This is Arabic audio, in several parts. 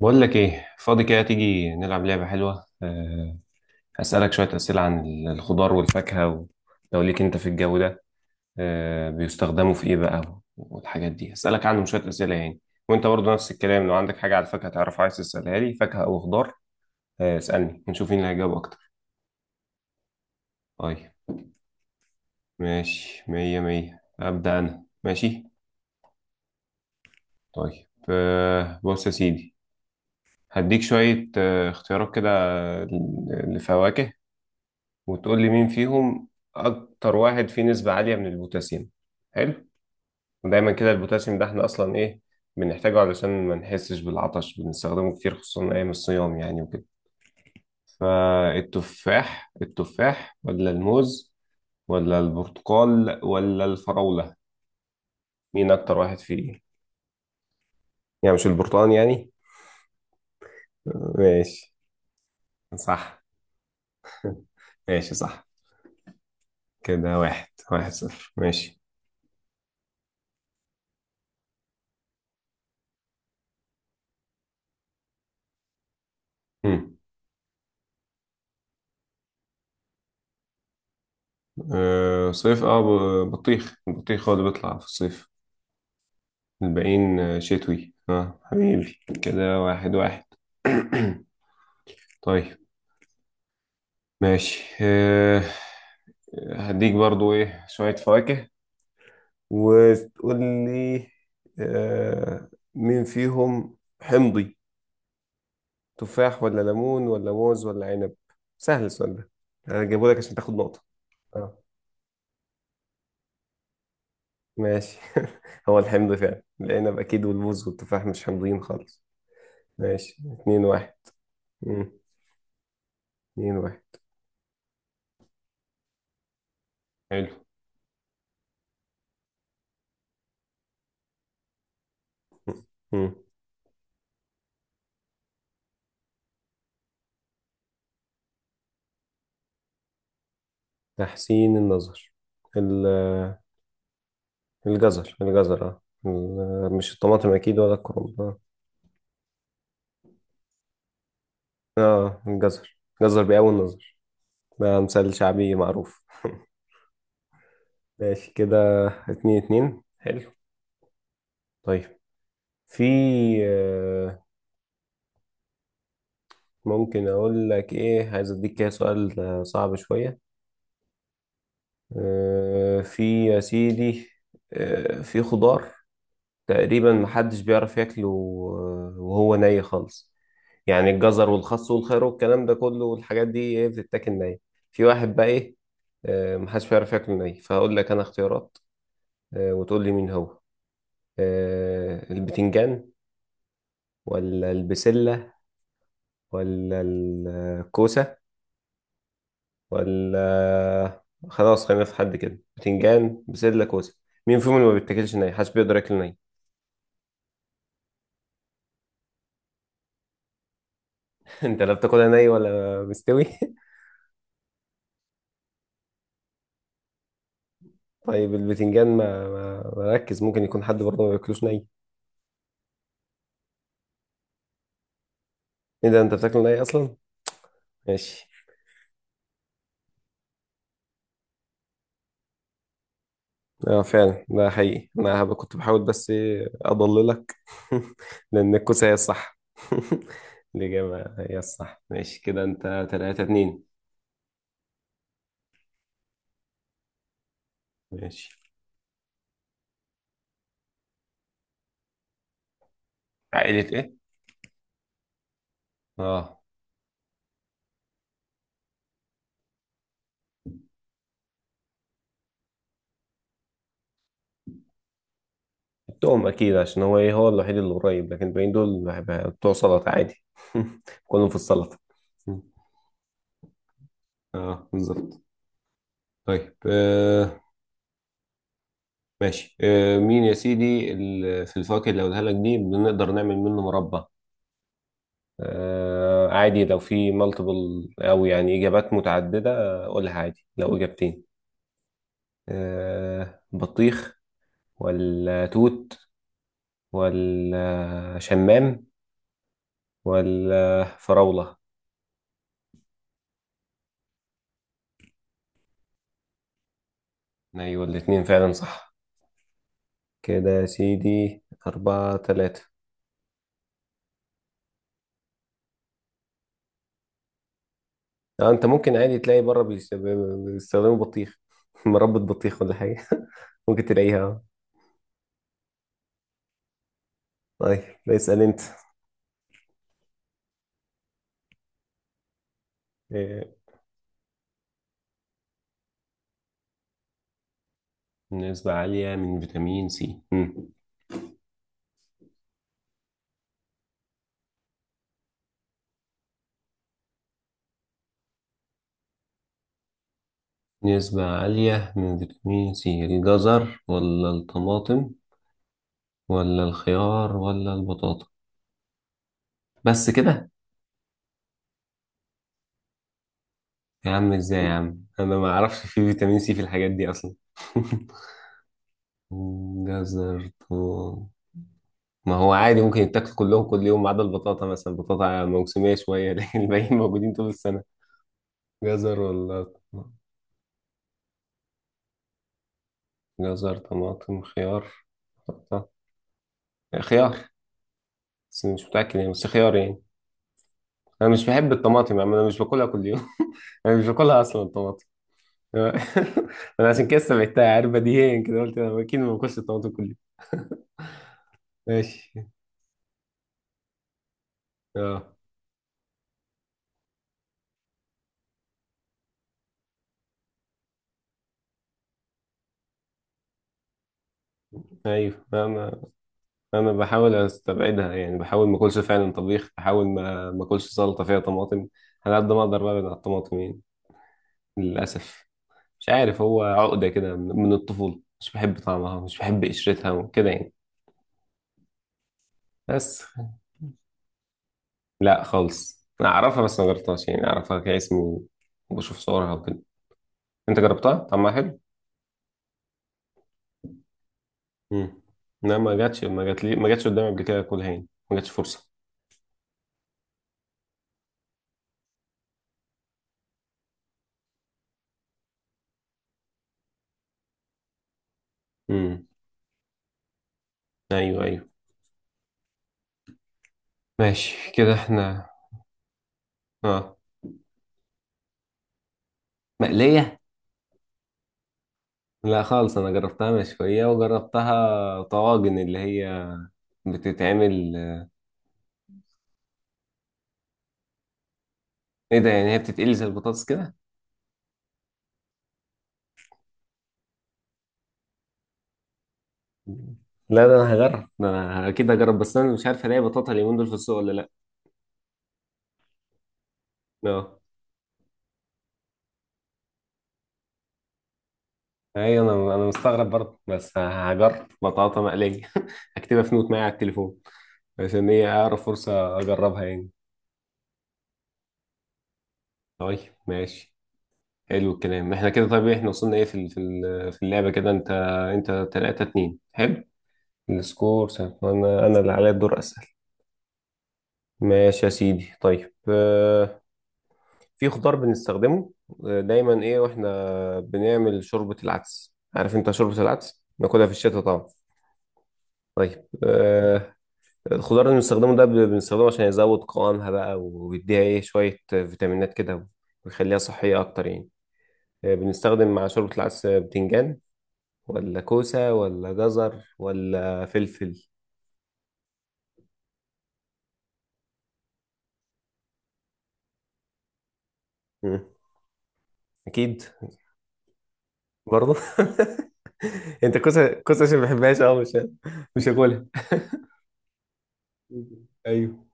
بقول لك ايه فاضي كده تيجي نلعب لعبة حلوة أه. هسألك شوية أسئلة عن الخضار والفاكهة لو ليك انت في الجو ده أه بيستخدموا في ايه بقى، والحاجات دي هسألك عنهم شوية أسئلة يعني. وانت برضو نفس الكلام، لو عندك حاجة على الفاكهة تعرف عايز تسألها لي، فاكهة او خضار. اسألني ونشوف مين اللي هيجاوب اكتر. طيب ماشي، مية مية، أبدأ انا. ماشي طيب أه، بص يا سيدي. هديك شوية اختيارات كده. آه، لفواكه، وتقول لي مين فيهم اكتر واحد فيه نسبة عالية من البوتاسيوم. حلو. ودايما كده البوتاسيوم ده احنا اصلا ايه بنحتاجه؟ علشان ما نحسش بالعطش، بنستخدمه كتير خصوصا ايام الصيام يعني وكده. فالتفاح ولا الموز ولا البرتقال ولا الفراولة، مين اكتر واحد فيه؟ يعني مش البرتقال يعني؟ ماشي. صح ماشي صح. كده واحد واحد صفر. ماشي. مم. أه صيف اه، بطيخ، البطيخ هو اللي بيطلع في الصيف. الباقيين شتوي اه. حبيبي كده واحد واحد. طيب ماشي هديك برضو ايه شوية فواكه وتقول لي آه، مين فيهم حمضي. تفاح ولا ليمون ولا موز ولا عنب؟ سهل السؤال ده، انا جايبه لك عشان تاخد نقطة. اه ماشي. هو الحمض فعلا العنب اكيد، والموز والتفاح مش حمضيين خالص. ماشي اتنين واحد. مم. اتنين واحد. حلو. مم. تحسين النظر، ال- الجزر اه، مش الطماطم اكيد ولا الكرنب اه. الجزر بيقوي النظر، ده مثال شعبي معروف. ماشي كده اتنين اتنين. حلو طيب. في آه، ممكن اقول لك ايه، عايز اديك كده سؤال صعب شوية. في يا سيدي في خضار تقريبا محدش بيعرف ياكله وهو ني خالص. يعني الجزر والخس والخيار والكلام ده كله والحاجات دي ايه بتتاكل ني، في واحد بقى ايه محدش بيعرف ياكله ني. فهقول لك انا اختيارات وتقول لي مين هو. البتنجان ولا البسلة ولا الكوسة ولا، خلاص خلينا في حد كده، بتنجان بسلة كوسة، مين فيهم اللي ما بيتاكلش ني، محدش بيقدر ياكل ني؟ انت لا بتاكلها ني ولا مستوي. طيب البتنجان ما ركز، ممكن يكون حد برضه ما بياكلوش ني. ايه ده، انت بتاكله ني اصلا؟ ماشي. اه فعلا ده حقيقي، انا كنت بحاول بس إيه اضللك. لان الكوسه هي الصح. الاجابه هي الصح. ماشي كده، انت 3 2 ماشي. عائلة ايه؟ اه. التوم اكيد، عشان هو ايه، هو الوحيد اللي قريب، لكن الباقيين دول بتوع سلطه عادي. كلهم في السلطه. اه بالظبط. طيب ماشي مين يا سيدي، في الفواكه اللي هقولها لك دي بنقدر نعمل منه مربى. عادي لو في مالتيبل، او يعني اجابات متعدده، قولها عادي لو اجابتين. بطيخ ولا توت ولا شمام ولا فراوله؟ ايوه الاتنين فعلا صح. كده يا سيدي أربعة تلاتة. انت ممكن عادي تلاقي بره بيستخدموا بطيخ، مربى بطيخ ولا حاجه. ممكن تلاقيها. طيب اسأل انت. إيه، نسبة عالية من فيتامين سي. نسبة عالية من فيتامين سي، الجزر ولا الطماطم ولا الخيار ولا البطاطا، بس كده؟ يا عم ازاي يا عم، انا ما اعرفش في فيتامين سي في الحاجات دي اصلا. جزر طماطم، ما هو عادي ممكن يتاكل كلهم كل يوم، ما عدا البطاطا مثلا، البطاطا موسمية شوية لكن الباقيين موجودين طول السنة. جزر ولا طماطم؟ جزر طماطم خيار بطاطا، خيار، بس مش متأكد يعني، بس خيار يعني. أنا مش بحب الطماطم يعني، أنا مش باكلها كل يوم. أنا مش باكلها أصلا الطماطم. أنا عشان كده استبعدتها، عارف بديهيا كده قلت أنا أكيد ما باكلش الطماطم كل يوم. ماشي أه. أيوه أنا، أنا بحاول أستبعدها يعني، بحاول ما أكلش فعلا طبيخ، بحاول ما أكلش سلطة فيها طماطم، على قد ما أقدر ببعد عن الطماطم يعني. للأسف مش عارف، هو عقدة كده من الطفولة، مش بحب طعمها، مش بحب قشرتها وكده يعني. بس لا خالص، انا اعرفها بس ما جربتهاش يعني، اعرفها كاسم وبشوف صورها وكده. انت جربتها طعمها حلو؟ امم. لا ما جاتش، ما جات لي، ما جاتش قدامي قبل كده اكلها يعني، ما جاتش فرصه. امم ايوه ايوه. ماشي كده احنا. اه. مقليه؟ لا خالص انا جربتها مشويه، وجربتها طواجن اللي هي بتتعمل. ايه ده يعني، هي بتتقلي زي البطاطس كده؟ لا ده انا هجرب، ده انا اكيد هجرب، بس انا مش عارف الاقي بطاطا اليومين دول في السوق ولا لا. اه. اي انا، انا مستغرب برضه، بس هجرب بطاطا مقليه. هكتبها في نوت معايا على التليفون، عشان هي اقرب فرصه اجربها يعني. طيب ماشي. حلو الكلام احنا كده. طيب إيه، احنا وصلنا ايه في في في اللعبه كده انت، انت 3 2. حلو السكور سهل. انا اللي عليا الدور اسال. ماشي يا سيدي طيب، في خضار بنستخدمه دايما ايه، واحنا بنعمل شوربه العدس، عارف انت شوربه العدس ناكلها في الشتاء طبعا. طيب الخضار اللي بنستخدمه ده بنستخدمه عشان يزود قوامها بقى، ويديها ايه شوية فيتامينات كده، ويخليها صحية أكتر يعني. بنستخدم مع شوربة العدس بتنجان، ولا كوسة، ولا جزر، ولا فلفل؟ مم. أكيد برضه. أنت كوسة عشان ما بحبهاش أه مش، مش هاكلها. ايوه.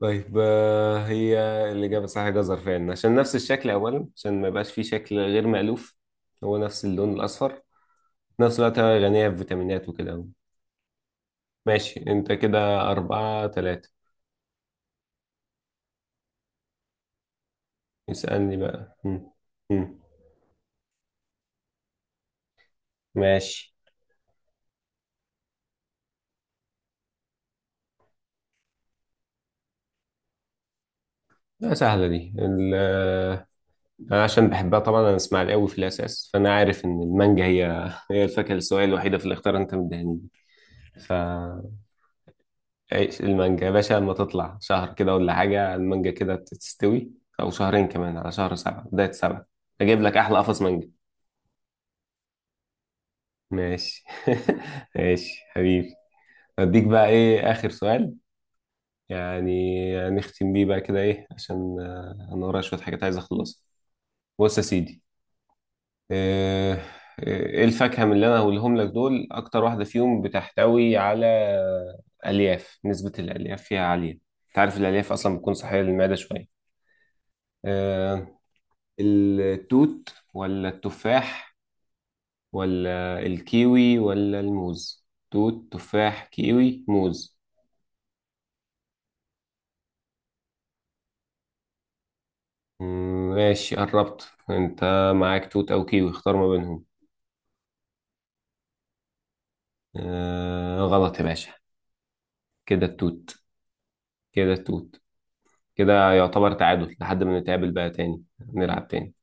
طيب هي الإجابة صح، جزر فعلا عشان نفس الشكل أولا، عشان ما يبقاش فيه شكل غير مألوف، هو نفس اللون الأصفر. في نفس الوقت هي غنية بفيتامينات وكده. ماشي انت كده أربعة تلاتة. اسألني بقى. مم. مم. ماشي. لا سهلة دي أنا عشان بحبها طبعا، أنا إسماعيلاوي قوي في الأساس، فأنا عارف إن المانجا هي الفاكهة السوائل الوحيدة في الاختيار اللي أنت مديهاني. ف عيش المانجا يا باشا لما تطلع شهر كده ولا حاجة، المانجا كده تستوي، أو شهرين كمان، على شهر سبعة، بداية سبعة، أجيب لك أحلى قفص مانجا. ماشي. ماشي حبيبي. أديك بقى إيه آخر سؤال يعني، نختم بيه بقى كده ايه، عشان انا ورايا شويه حاجات عايز اخلصها. بص يا سيدي آه، آه، ايه الفاكهه من اللي انا هقولهم لك دول اكتر واحده فيهم بتحتوي على الياف، نسبه الالياف فيها عاليه؟ انت عارف الالياف اصلا بتكون صحيه للمعده شويه. آه، التوت ولا التفاح ولا الكيوي ولا الموز، توت تفاح كيوي موز؟ مم، ماشي قربت انت، معاك توت او كيوي، اختار ما بينهم. آه غلط يا باشا، كده التوت، كده التوت. كده يعتبر تعادل، لحد ما نتقابل بقى تاني نلعب تاني.